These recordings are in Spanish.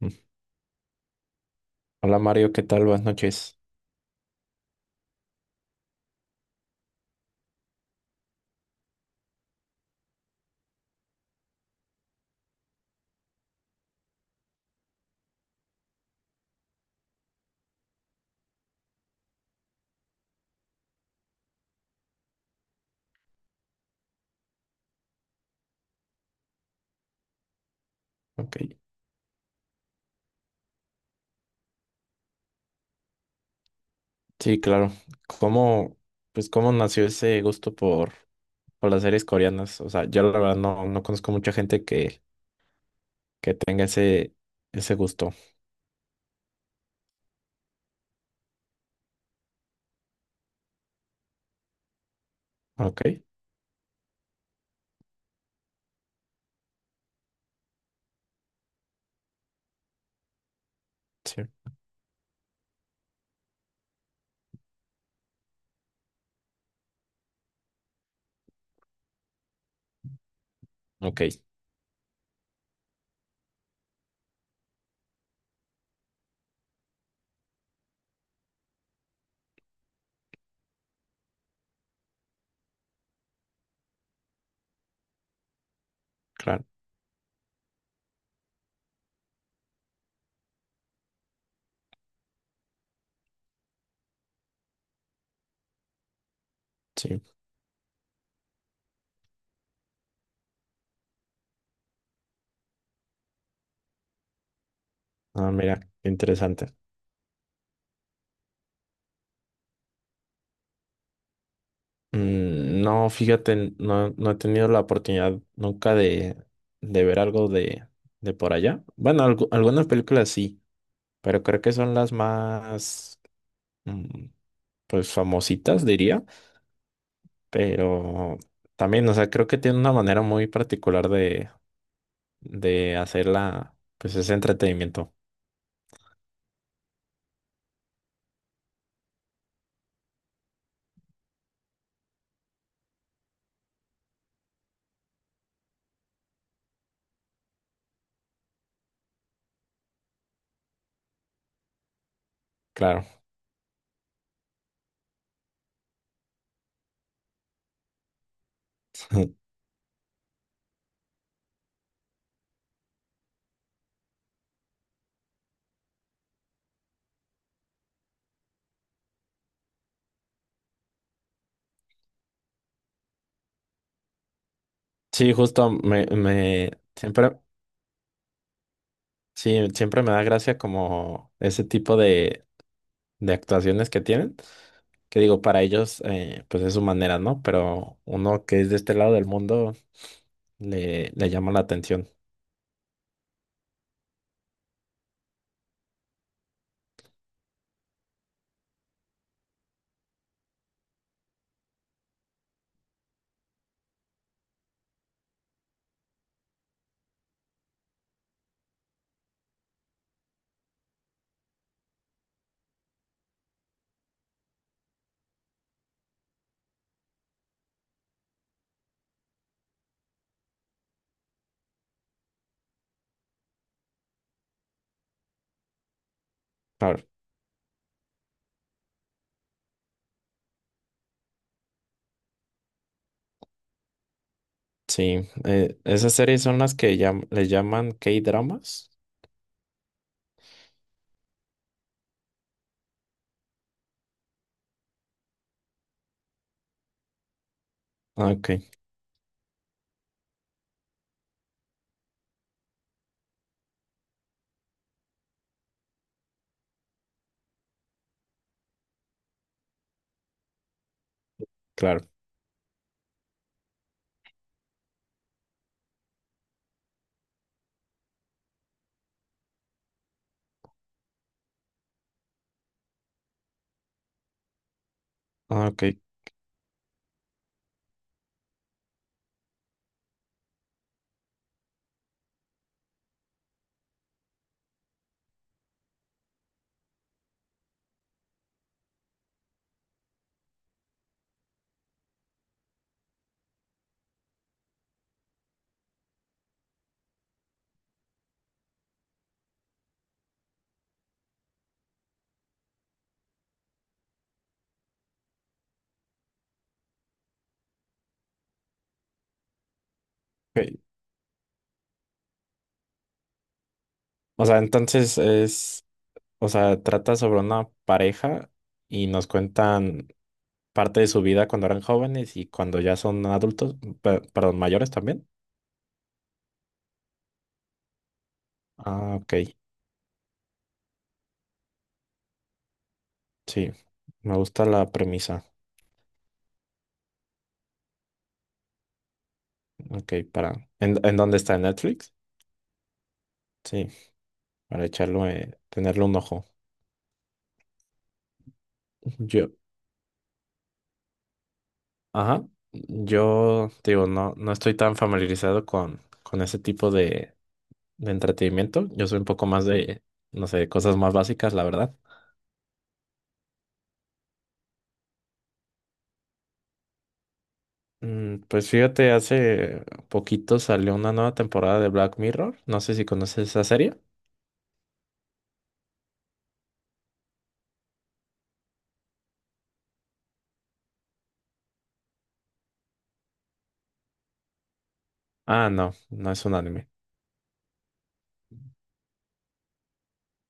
Mm. Hola Mario, ¿qué tal? Buenas noches. Ok, sí, claro. ¿Cómo, pues cómo nació ese gusto por las series coreanas? O sea, yo la verdad no conozco mucha gente que tenga ese gusto. Ok, sí. Ok, claro, sí. Ah, mira, qué interesante. Mm, no, fíjate, no he tenido la oportunidad nunca de ver algo de por allá. Bueno, algunas películas sí, pero creo que son las más, mm, pues famositas, diría, pero también, o sea, creo que tiene una manera muy particular de hacerla, pues ese entretenimiento, claro. Sí, justo me siempre, sí, siempre me da gracia como ese tipo de actuaciones que tienen, que digo, para ellos, pues es su manera, ¿no? Pero uno que es de este lado del mundo le llama la atención. Claro. Sí, esas series son las que le llaman K-dramas. Ah, ok, claro. Ah, ok, ok. O sea, entonces es, o sea, trata sobre una pareja y nos cuentan parte de su vida cuando eran jóvenes y cuando ya son adultos, perdón, mayores también. Ah, ok, sí. Me gusta la premisa. Ok, para. ¿En dónde está? ¿En Netflix? Sí, para echarlo, tenerle un ojo. Yo, ajá. Yo digo, no estoy tan familiarizado con ese tipo de entretenimiento. Yo soy un poco más de, no sé, cosas más básicas, la verdad. Pues fíjate, hace poquito salió una nueva temporada de Black Mirror. No sé si conoces esa serie. Ah, no, no es un anime.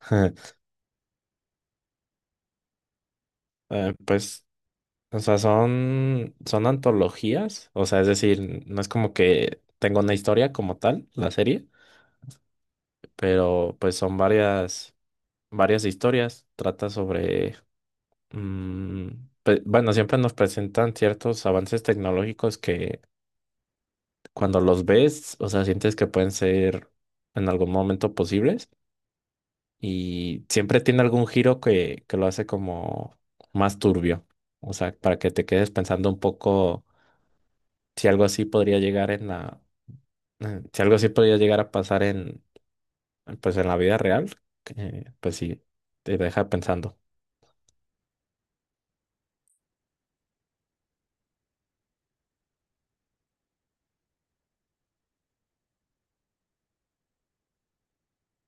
Pues, o sea, son antologías. O sea, es decir, no es como que tenga una historia como tal, la serie, pero pues son varias, varias historias. Trata sobre, mm, bueno, siempre nos presentan ciertos avances tecnológicos que cuando los ves, o sea, sientes que pueden ser en algún momento posibles y siempre tiene algún giro que lo hace como más turbio. O sea, para que te quedes pensando un poco si algo así podría llegar en la, si algo así podría llegar a pasar en, pues en la vida real, que, pues sí, te deja pensando.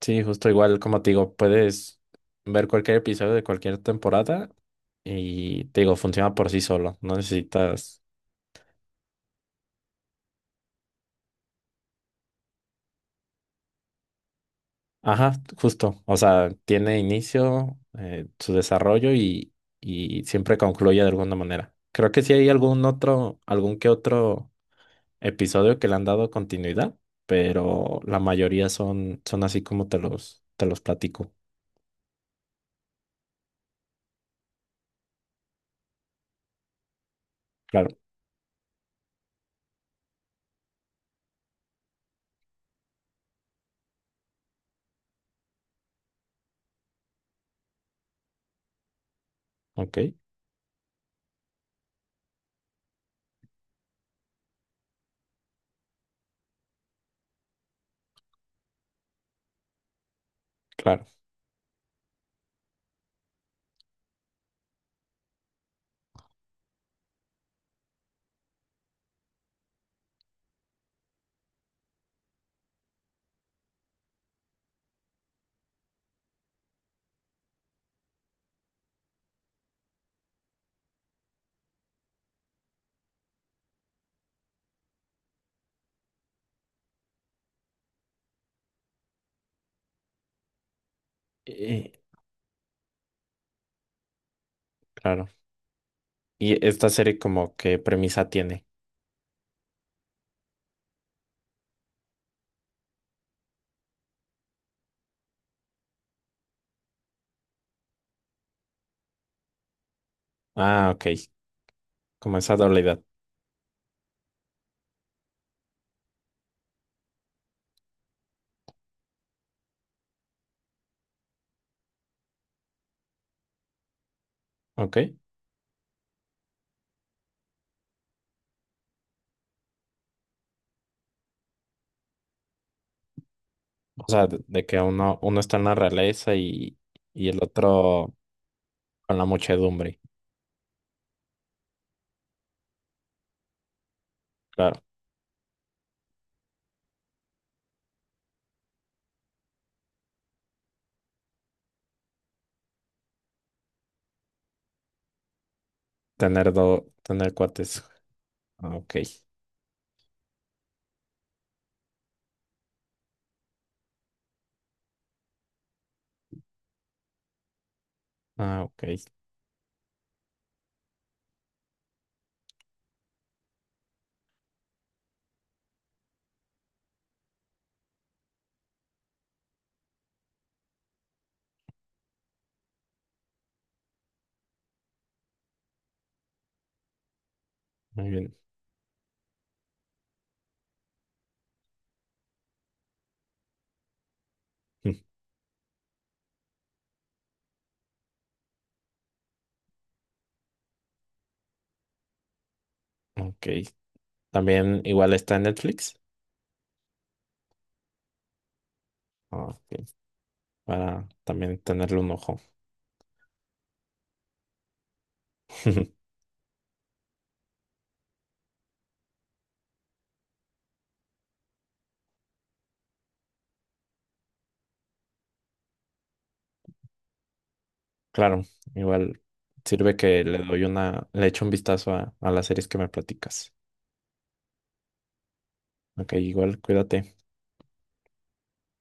Sí, justo igual, como te digo, puedes ver cualquier episodio de cualquier temporada y te digo, funciona por sí solo. No necesitas. Ajá, justo. O sea, tiene inicio, su desarrollo y siempre concluye de alguna manera. Creo que sí hay algún otro, algún que otro episodio que le han dado continuidad, pero la mayoría son así como te los platico. Claro, ok, claro. Y, claro. ¿Y esta serie como qué premisa tiene? Ah, ok, como esa dualidad, ok. O sea, de que uno está en la realeza y el otro con la muchedumbre. Claro, tener cuates. Ah, ok. Ah, ok. Muy bien. Mm, ok. También igual está en Netflix. Ah, ok. Para también tenerle un ojo. Claro, igual sirve que le doy una, le echo un vistazo a las series que me platicas. Ok, igual cuídate.